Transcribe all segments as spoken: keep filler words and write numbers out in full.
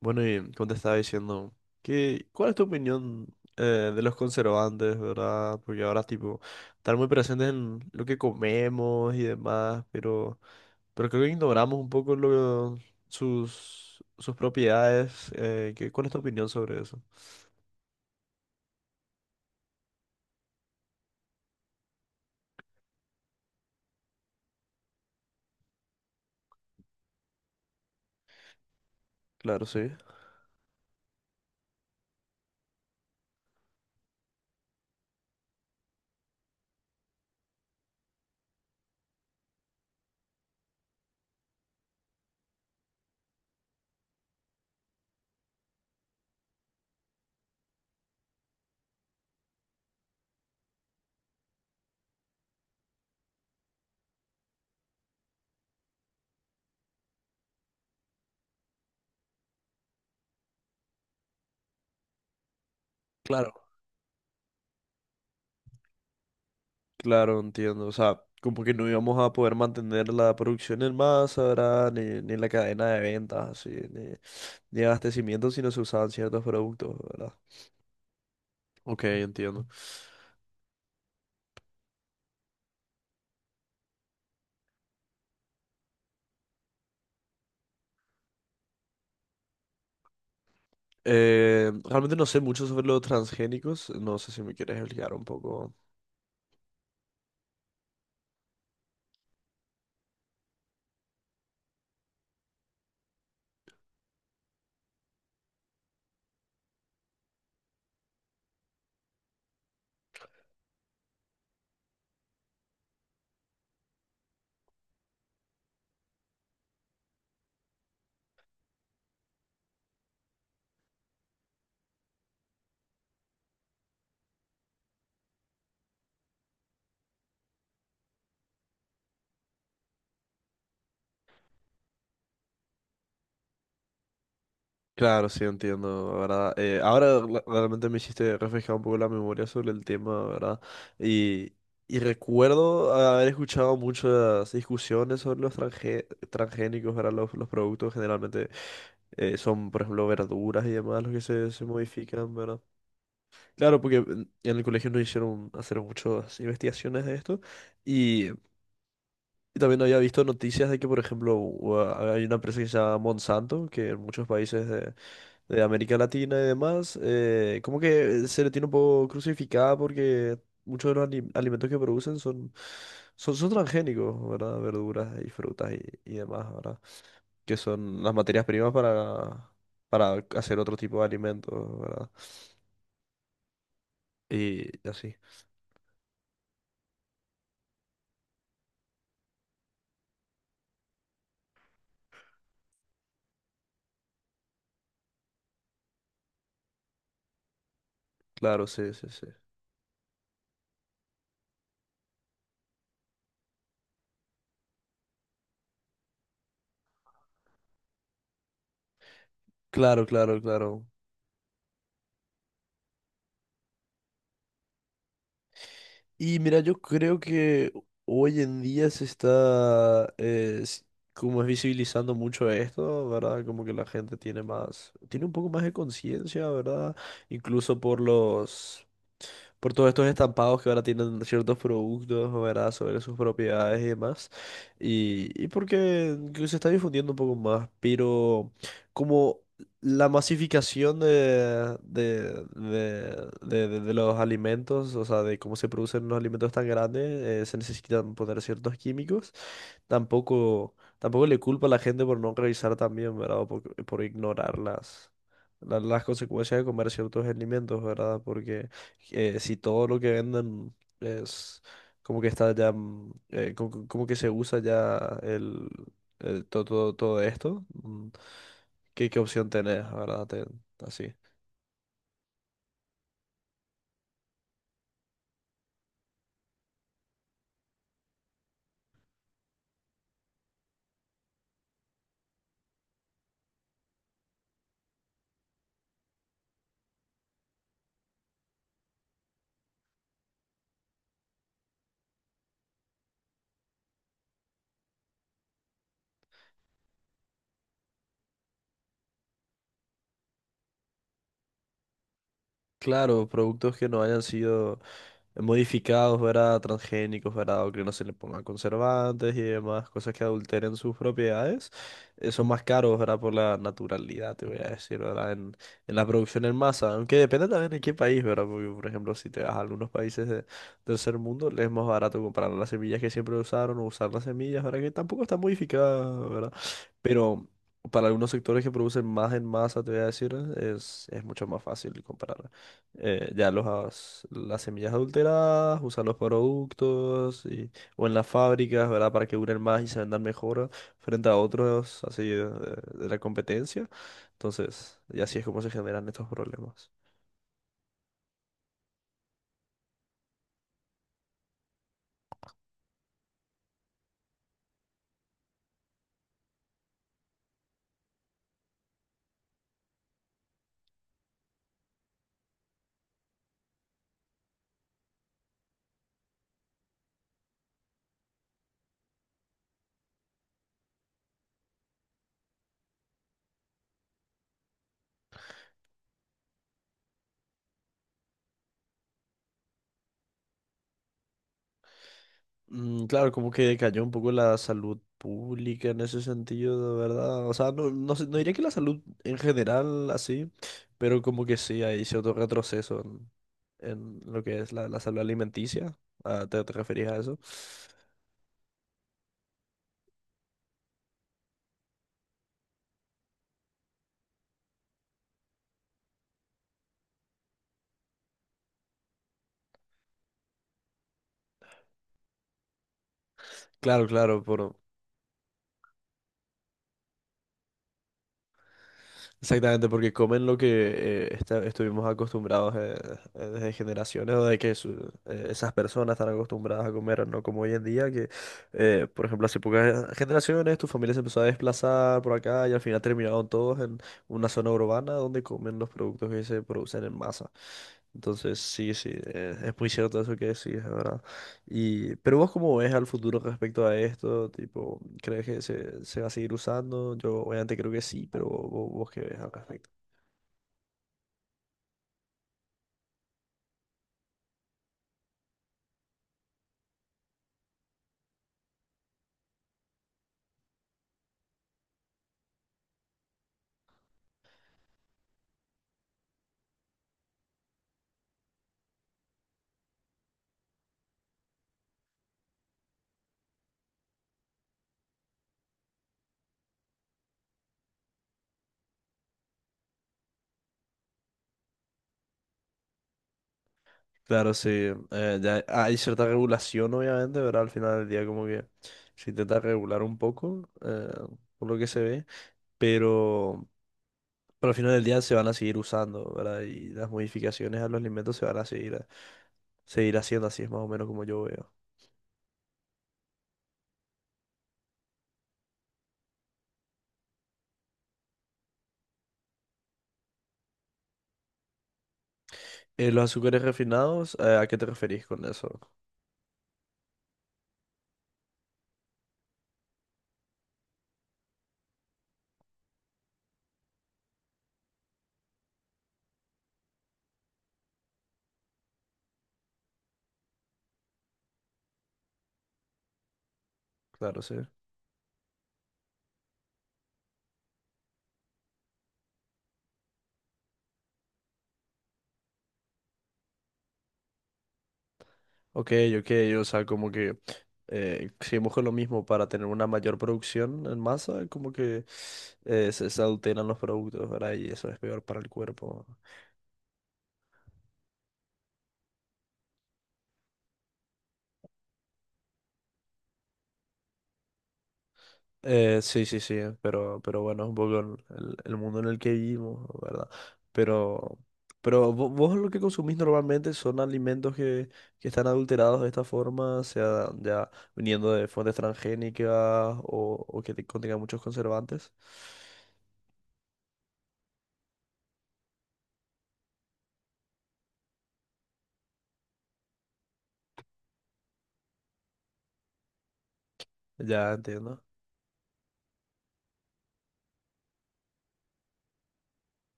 Bueno, y como te estaba diciendo, ¿qué, cuál es tu opinión eh, de los conservantes, verdad? Porque ahora, tipo, están muy presentes en lo que comemos y demás, pero, pero creo que ignoramos un poco lo, sus, sus propiedades. eh, ¿qué- cuál es tu opinión sobre eso? Claro, sí. Claro. Claro, entiendo. O sea, como que no íbamos a poder mantener la producción en masa, ¿verdad? Ni, ni la cadena de ventas, así, ni, ni abastecimiento si no se usaban ciertos productos, ¿verdad? Ok, entiendo. Eh, realmente no sé mucho sobre los transgénicos. No sé si me quieres explicar un poco. Claro, sí, entiendo, ¿verdad? Eh, ahora la- realmente me hiciste refrescar un poco la memoria sobre el tema, ¿verdad? Y, y recuerdo haber escuchado muchas discusiones sobre los transgé- transgénicos, ¿verdad? Los, los productos generalmente eh, son, por ejemplo, verduras y demás los que se, se modifican, ¿verdad? Claro, porque en en el colegio nos hicieron hacer muchas investigaciones de esto. Y también había visto noticias de que, por ejemplo, u- a- hay una empresa que se llama Monsanto, que en muchos países de, de América Latina y demás, eh, como que se le tiene un poco crucificada porque muchos de los ali- alimentos que producen son, son, son transgénicos, ¿verdad? Verduras y frutas y, y demás, ¿verdad? Que son las materias primas para, para hacer otro tipo de alimentos, ¿verdad? Y así. Claro, sí, sí, sí. Claro, claro, claro. Y mira, yo creo que hoy en día se está, eh, s- como es visibilizando mucho esto, ¿verdad? Como que la gente tiene más, tiene un poco más de conciencia, ¿verdad? Incluso por los, por todos estos estampados que ahora tienen ciertos productos, ¿verdad? Sobre sus propiedades y demás. Y, y porque que se está difundiendo un poco más, pero como la masificación de, de, de, de- de- de los alimentos, o sea, de cómo se producen los alimentos tan grandes, eh, se necesitan poner ciertos químicos. Tampoco, tampoco le culpo a la gente por no revisar también, ¿verdad? O Por, por ignorar las, la- las, consecuencias de comer ciertos alimentos, ¿verdad? Porque eh, si todo lo que venden es como que está ya, mm, eh, co- co- como, que se usa ya el, el to- todo, todo, esto, mm, ¿qué, qué opción tenés, ¿verdad? Te- así. Claro, productos que no hayan sido modificados, ¿verdad? Transgénicos, ¿verdad? O que no se le pongan conservantes y demás, cosas que adulteren sus propiedades, eh, son más caros, ¿verdad? Por la naturalidad, te voy a decir, ¿verdad? En, en la producción en masa, aunque depende también de qué país, ¿verdad? Porque, por ejemplo, si te vas a algunos países de tercer mundo, les es más barato comprar las semillas que siempre usaron o usar las semillas, ¿verdad? Que tampoco están modificadas, ¿verdad? Pero para algunos sectores que producen más en masa, te voy a decir, es, es mucho más fácil comparar eh, ya los, as- las semillas adulteradas, usar los productos y- o en las fábricas, ¿verdad? Para que duren más y se vendan mejor frente a otros así de, de la competencia. Entonces, y así es como se generan estos problemas. Mm, Claro, como que decayó un poco la salud pública en ese sentido, de verdad. O sea, no, no, sé- no diría que la salud en general así, pero como que sí, hay cierto retroceso en, en, lo que es la, la salud alimenticia. Ah, ¿te, te referías a eso? Claro, claro, por, exactamente, porque comen lo que eh, esta- estuvimos acostumbrados eh, eh, desde generaciones, o de que su- eh, esas personas están acostumbradas a comer, no como hoy en día, que, eh, por ejemplo, hace pocas generaciones tu familia se empezó a desplazar por acá y al final terminaron todos en una zona urbana donde comen los productos que se producen en masa. Entonces, sí, sí, eh, es muy cierto eso que decís, es ¿verdad? Y, pero vos cómo ves al futuro respecto a esto, tipo, ¿crees que se, se va a seguir usando? Yo obviamente creo que sí, pero vos, vos- vos qué ves al respecto. Claro, sí, eh, ya hay cierta regulación obviamente, pero al final del día como que se intenta regular un poco, eh, por lo que se ve, pero, pero al final del día se van a seguir usando, ¿verdad? Y las modificaciones a los alimentos se van a seguir, a- seguir haciendo, así es más o menos como yo veo. Eh, los azúcares refinados, eh, ¿a qué te referís con eso? Claro, sí. Ok, ok, o sea, como que eh, seguimos con lo mismo para tener una mayor producción en masa, como que eh, se, se adulteran los productos, ¿verdad? Y eso es peor para el cuerpo. Eh, sí, sí, sí, pero, pero bueno, es un poco el, el- el mundo en el que vivimos, ¿verdad? Pero, pero vo- vos, lo que consumís normalmente son alimentos que, que están adulterados de esta forma, sea ya viniendo de fuentes transgénicas o, o que te- contengan muchos conservantes. Ya entiendo.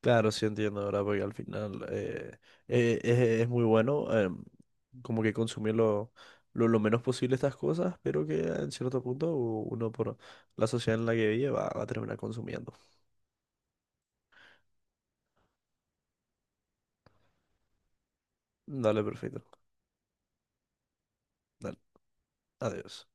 Claro, sí entiendo, ¿verdad? Porque al final eh, eh, es, es muy bueno em, como que consumir lo, lo, lo menos posible estas cosas, pero que en cierto punto u- uno por la sociedad en la que vive va, va a terminar consumiendo. Dale, perfecto. Dale, adiós.